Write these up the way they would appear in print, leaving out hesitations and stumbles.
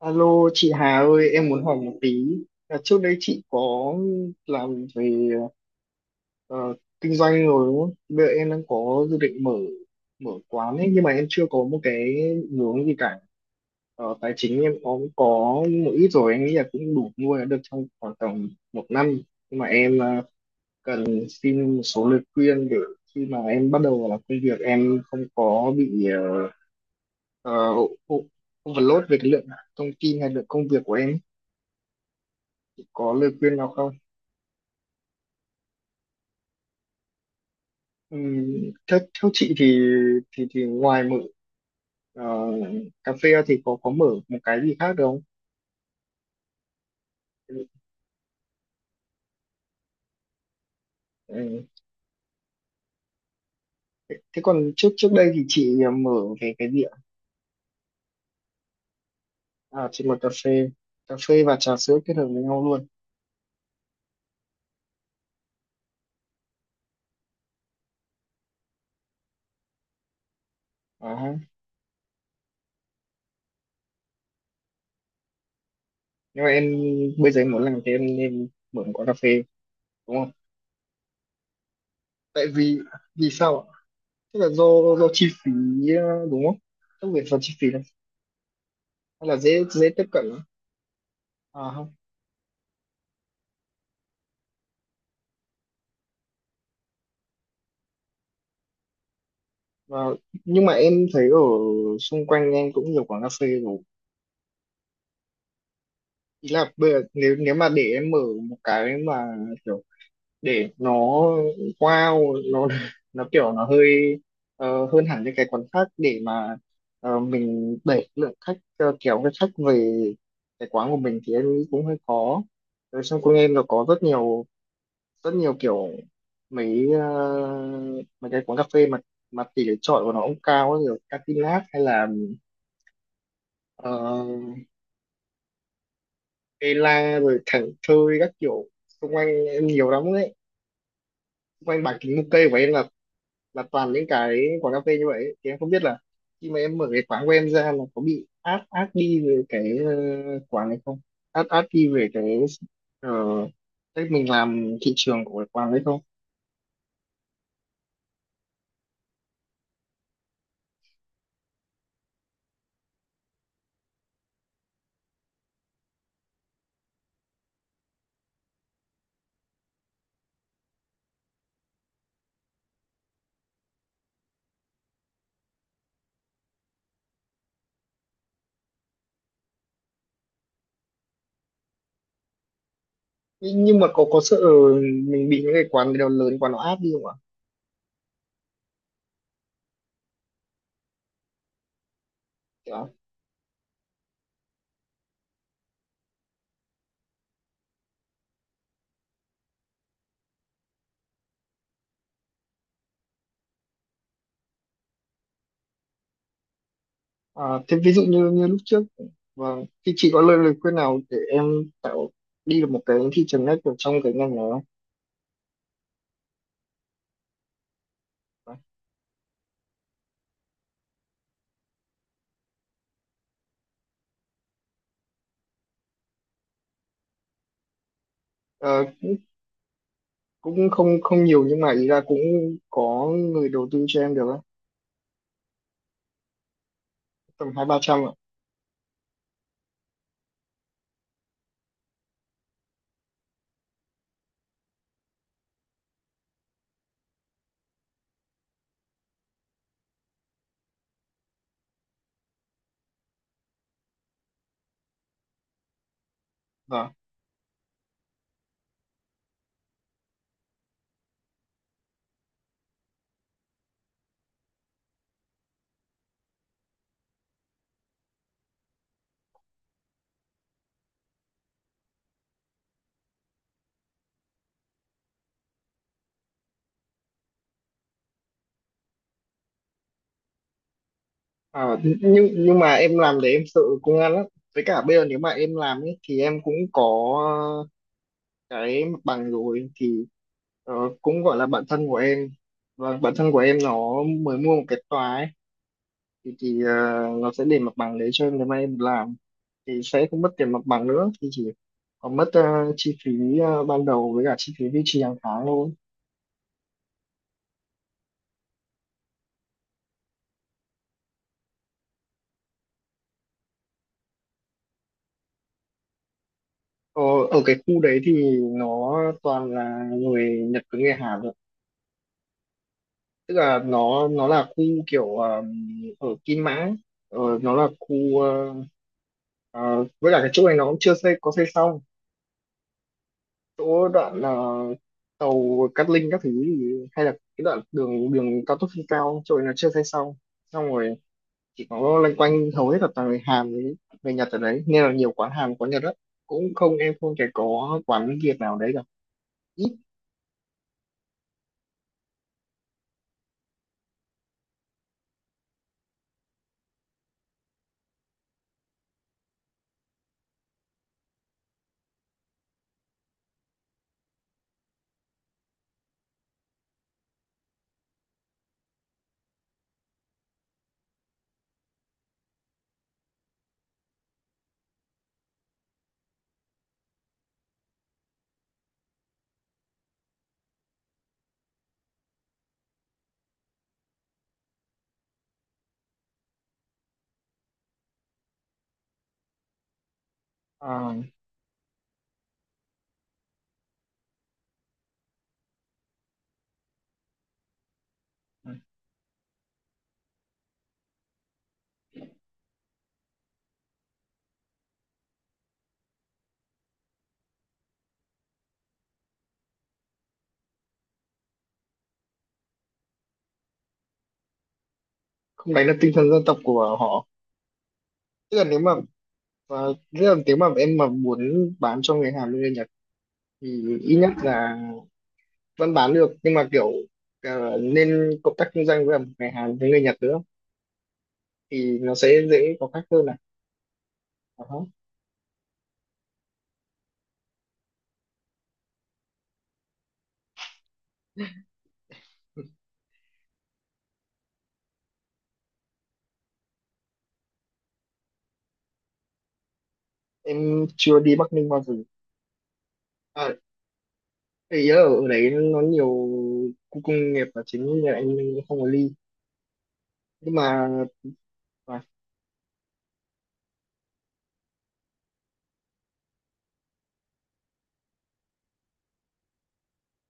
Alo chị Hà ơi, em muốn hỏi một tí. Là trước đây chị có làm về ờ, kinh doanh rồi đúng không? Bây giờ em đang có dự định mở mở quán ấy, nhưng mà em chưa có một cái định hướng gì cả. Tài chính em có một ít rồi, em nghĩ là cũng đủ nuôi được trong khoảng tầm một năm. Nhưng mà em cần xin một số lời khuyên để khi mà em bắt đầu làm công việc em không có bị ờ, overload về cái lượng thông tin hay lượng công việc của em. Có lời khuyên nào không? Ừ, theo theo chị thì ngoài mở ờ, cà phê ra thì có mở một cái gì khác được không? Ừ. Thế thế còn trước trước đây thì chị mở về cái gì ạ? À, chị mở cà phê và trà sữa kết hợp với nhau luôn. À, ha. Nhưng mà em bây giờ em muốn làm thế em nên mở một quán cà phê đúng không? Tại vì Vì sao ạ? Tức là do chi phí đúng không? Tức về phần chi phí này hay là dễ dễ tiếp cận lắm. À, không. Và nhưng mà em thấy ở xung quanh em cũng nhiều quán cà phê rồi. Ý là bây giờ, nếu nếu mà để em mở một cái mà kiểu để nó wow nó nó kiểu nó hơi hơn hẳn những cái quán khác để mà mình đẩy lượng khách kéo cái khách về cái quán của mình thì em nghĩ cũng hơi khó. Rồi xong cô em nó có rất nhiều kiểu mấy ờ, mấy cái quán cà phê mà tỷ lệ chọi của nó cũng cao ấy, rồi Catilat hay là uh, Ela rồi Thảnh Thơi các kiểu. Xung quanh em nhiều lắm đấy, quanh bảng kính mục cây của em là toàn những cái quán cà phê như vậy ấy. Thì em không biết là khi mà em mở cái quán của em ra là có bị át át đi về cái quán này không, át át đi về cái ờ, cách mình làm thị trường của cái quán đấy không. Nhưng mà có sợ mình bị những cái quán nào lớn quán nó áp đi không ạ? Kiểu, à, thế ví dụ như như lúc trước. Vâng, thì chị có lời lời khuyên nào để em tạo đi được một cái thị trường ngách ở trong cái ngành này không? Dạ. Ờ, Cũng không không nhiều nhưng mà ý là cũng có người đầu tư cho em được á. Tầm hai ba trăm ạ. Vâng. À, nhưng mà em làm để em sợ công an lắm, với cả bây giờ nếu mà em làm ấy thì em cũng có cái mặt bằng rồi thì ờ, cũng gọi là bạn thân của em và bạn thân của em nó mới mua một cái tòa ấy, thì nó sẽ để mặt bằng đấy cho em nếu mà em làm thì sẽ không mất tiền mặt bằng nữa thì chỉ còn mất chi phí ban đầu với cả chi phí duy trì hàng tháng thôi. Ờ, Ở cái khu đấy thì nó toàn là người Nhật với người Hàn thôi. Tức là nó là khu kiểu ở Kim Mã, ấy. Nó là khu với cả cái chỗ này nó cũng chưa xây có xây xong. Chỗ đoạn tàu Cát Linh các thứ thì, hay là cái đoạn đường đường cao tốc trên cao chỗ này nó chưa xây xong. Xong rồi chỉ có loanh quanh hầu hết là toàn người Hàn với người Nhật ở đấy nên là nhiều quán Hàn quán Nhật đó cũng không em không thể có quán Việt nào đấy cả, ít. Ờ, Không đánh được tinh thần dân tộc của họ. Tức là nếu mà tức là nếu mà em mà muốn bán cho người Hàn người Nhật thì ít nhất là vẫn bán được nhưng mà kiểu nên cộng tác kinh doanh với cả người Hàn với người Nhật nữa thì nó sẽ dễ có khách hơn này. Ờ hả. Em chưa đi Bắc Ninh bao giờ. À, ý là ở đấy nó nhiều khu công nghiệp là chính nên là em không có ly. Nhưng mà và,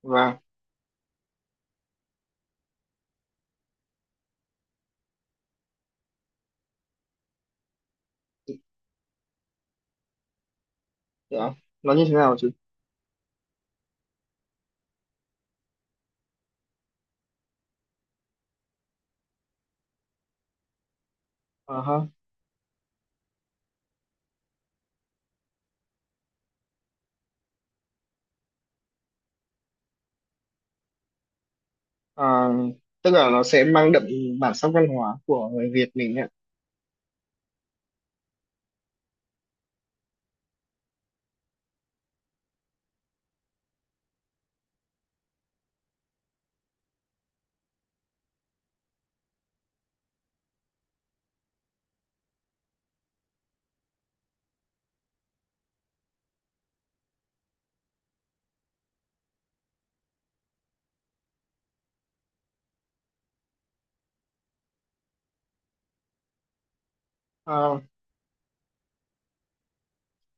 và dạ, nó như thế nào chứ? Ờ hả. Ờ, Tức là nó sẽ mang đậm bản sắc văn hóa của người Việt mình ạ. Ờ,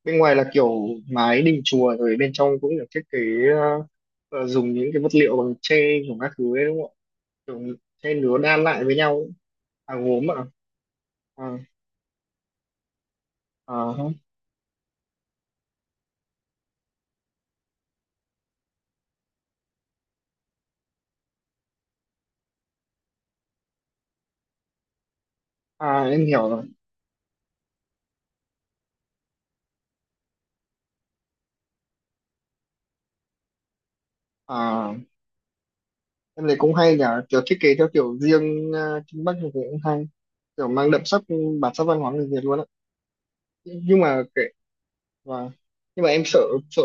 Bên ngoài là kiểu mái đình chùa rồi bên trong cũng được thiết kế ờ, dùng những cái vật liệu bằng tre của các thứ ấy đúng không ạ? Kiểu tre nứa đan lại với nhau ấy. À, gốm ạ. À, à, à, em hiểu rồi. À, em thấy cũng hay nhỉ, kiểu thiết kế theo kiểu riêng Kinh Bắc thì cũng hay, kiểu mang đậm sắc bản sắc văn hóa người Việt luôn á. Nhưng mà kệ và nhưng mà em sợ sợ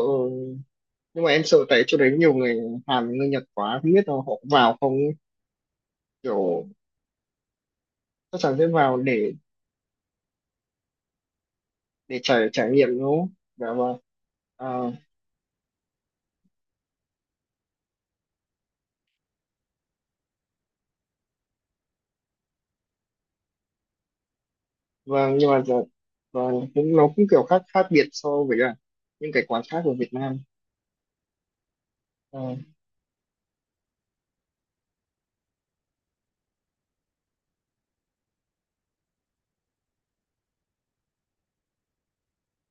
nhưng mà em sợ tại chỗ đấy nhiều người Hàn người Nhật quá không biết là họ vào không ấy. Kiểu chắc chắn sẽ vào để trải trải nghiệm đúng không? Dạ vâng. À, vâng nhưng mà dạ, vâng cũng nó cũng kiểu khác khác biệt so với cả những cái quán khác của Việt Nam. Ờ,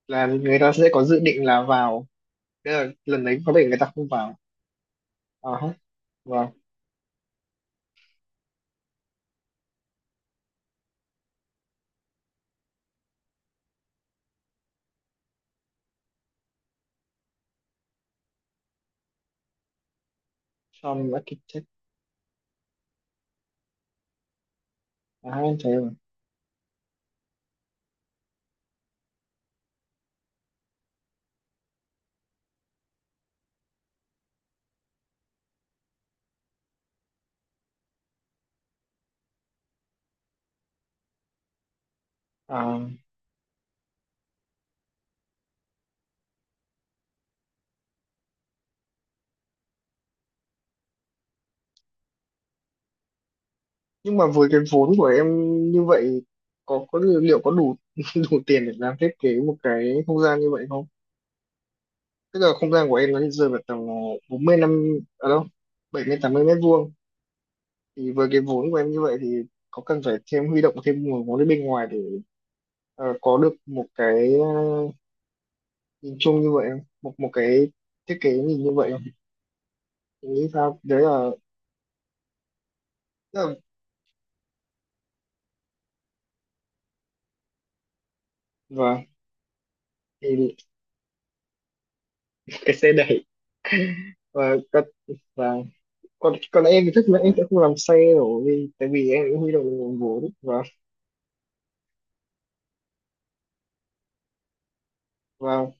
là người ta sẽ có dự định là vào. Thế là lần đấy có thể người ta không vào. À, hết. Vâng, xong architect. À, em thấy rồi. À, nhưng mà với cái vốn của em như vậy có liệu có đủ đủ tiền để làm thiết kế một cái không gian như vậy không? Tức là không gian của em nó rơi vào tầm 40 năm ở đâu 70 80 mét vuông thì với cái vốn của em như vậy thì có cần phải thêm huy động thêm nguồn vốn ở bên ngoài để có được một cái nhìn chung như vậy không? Một một cái thiết kế nhìn như vậy không? Em nghĩ sao? Đấy là, tức là và thì cái xe đẩy và các và còn còn em thì chắc là em sẽ không làm xe rồi vì tại vì em cũng huy động được nguồn vốn và và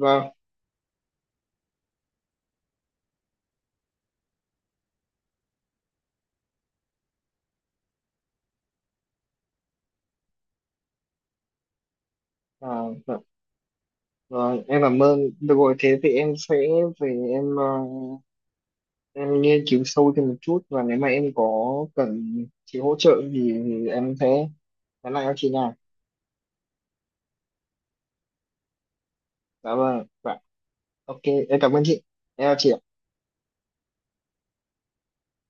và À, và, và em cảm ơn được rồi thế thì em sẽ về em nghiên cứu sâu thêm một chút và nếu mà em có cần chị hỗ trợ thì em sẽ nhắn lại cho chị nha. Dạ vâng dạ. Ok, em cảm ơn chị. Em chào chị.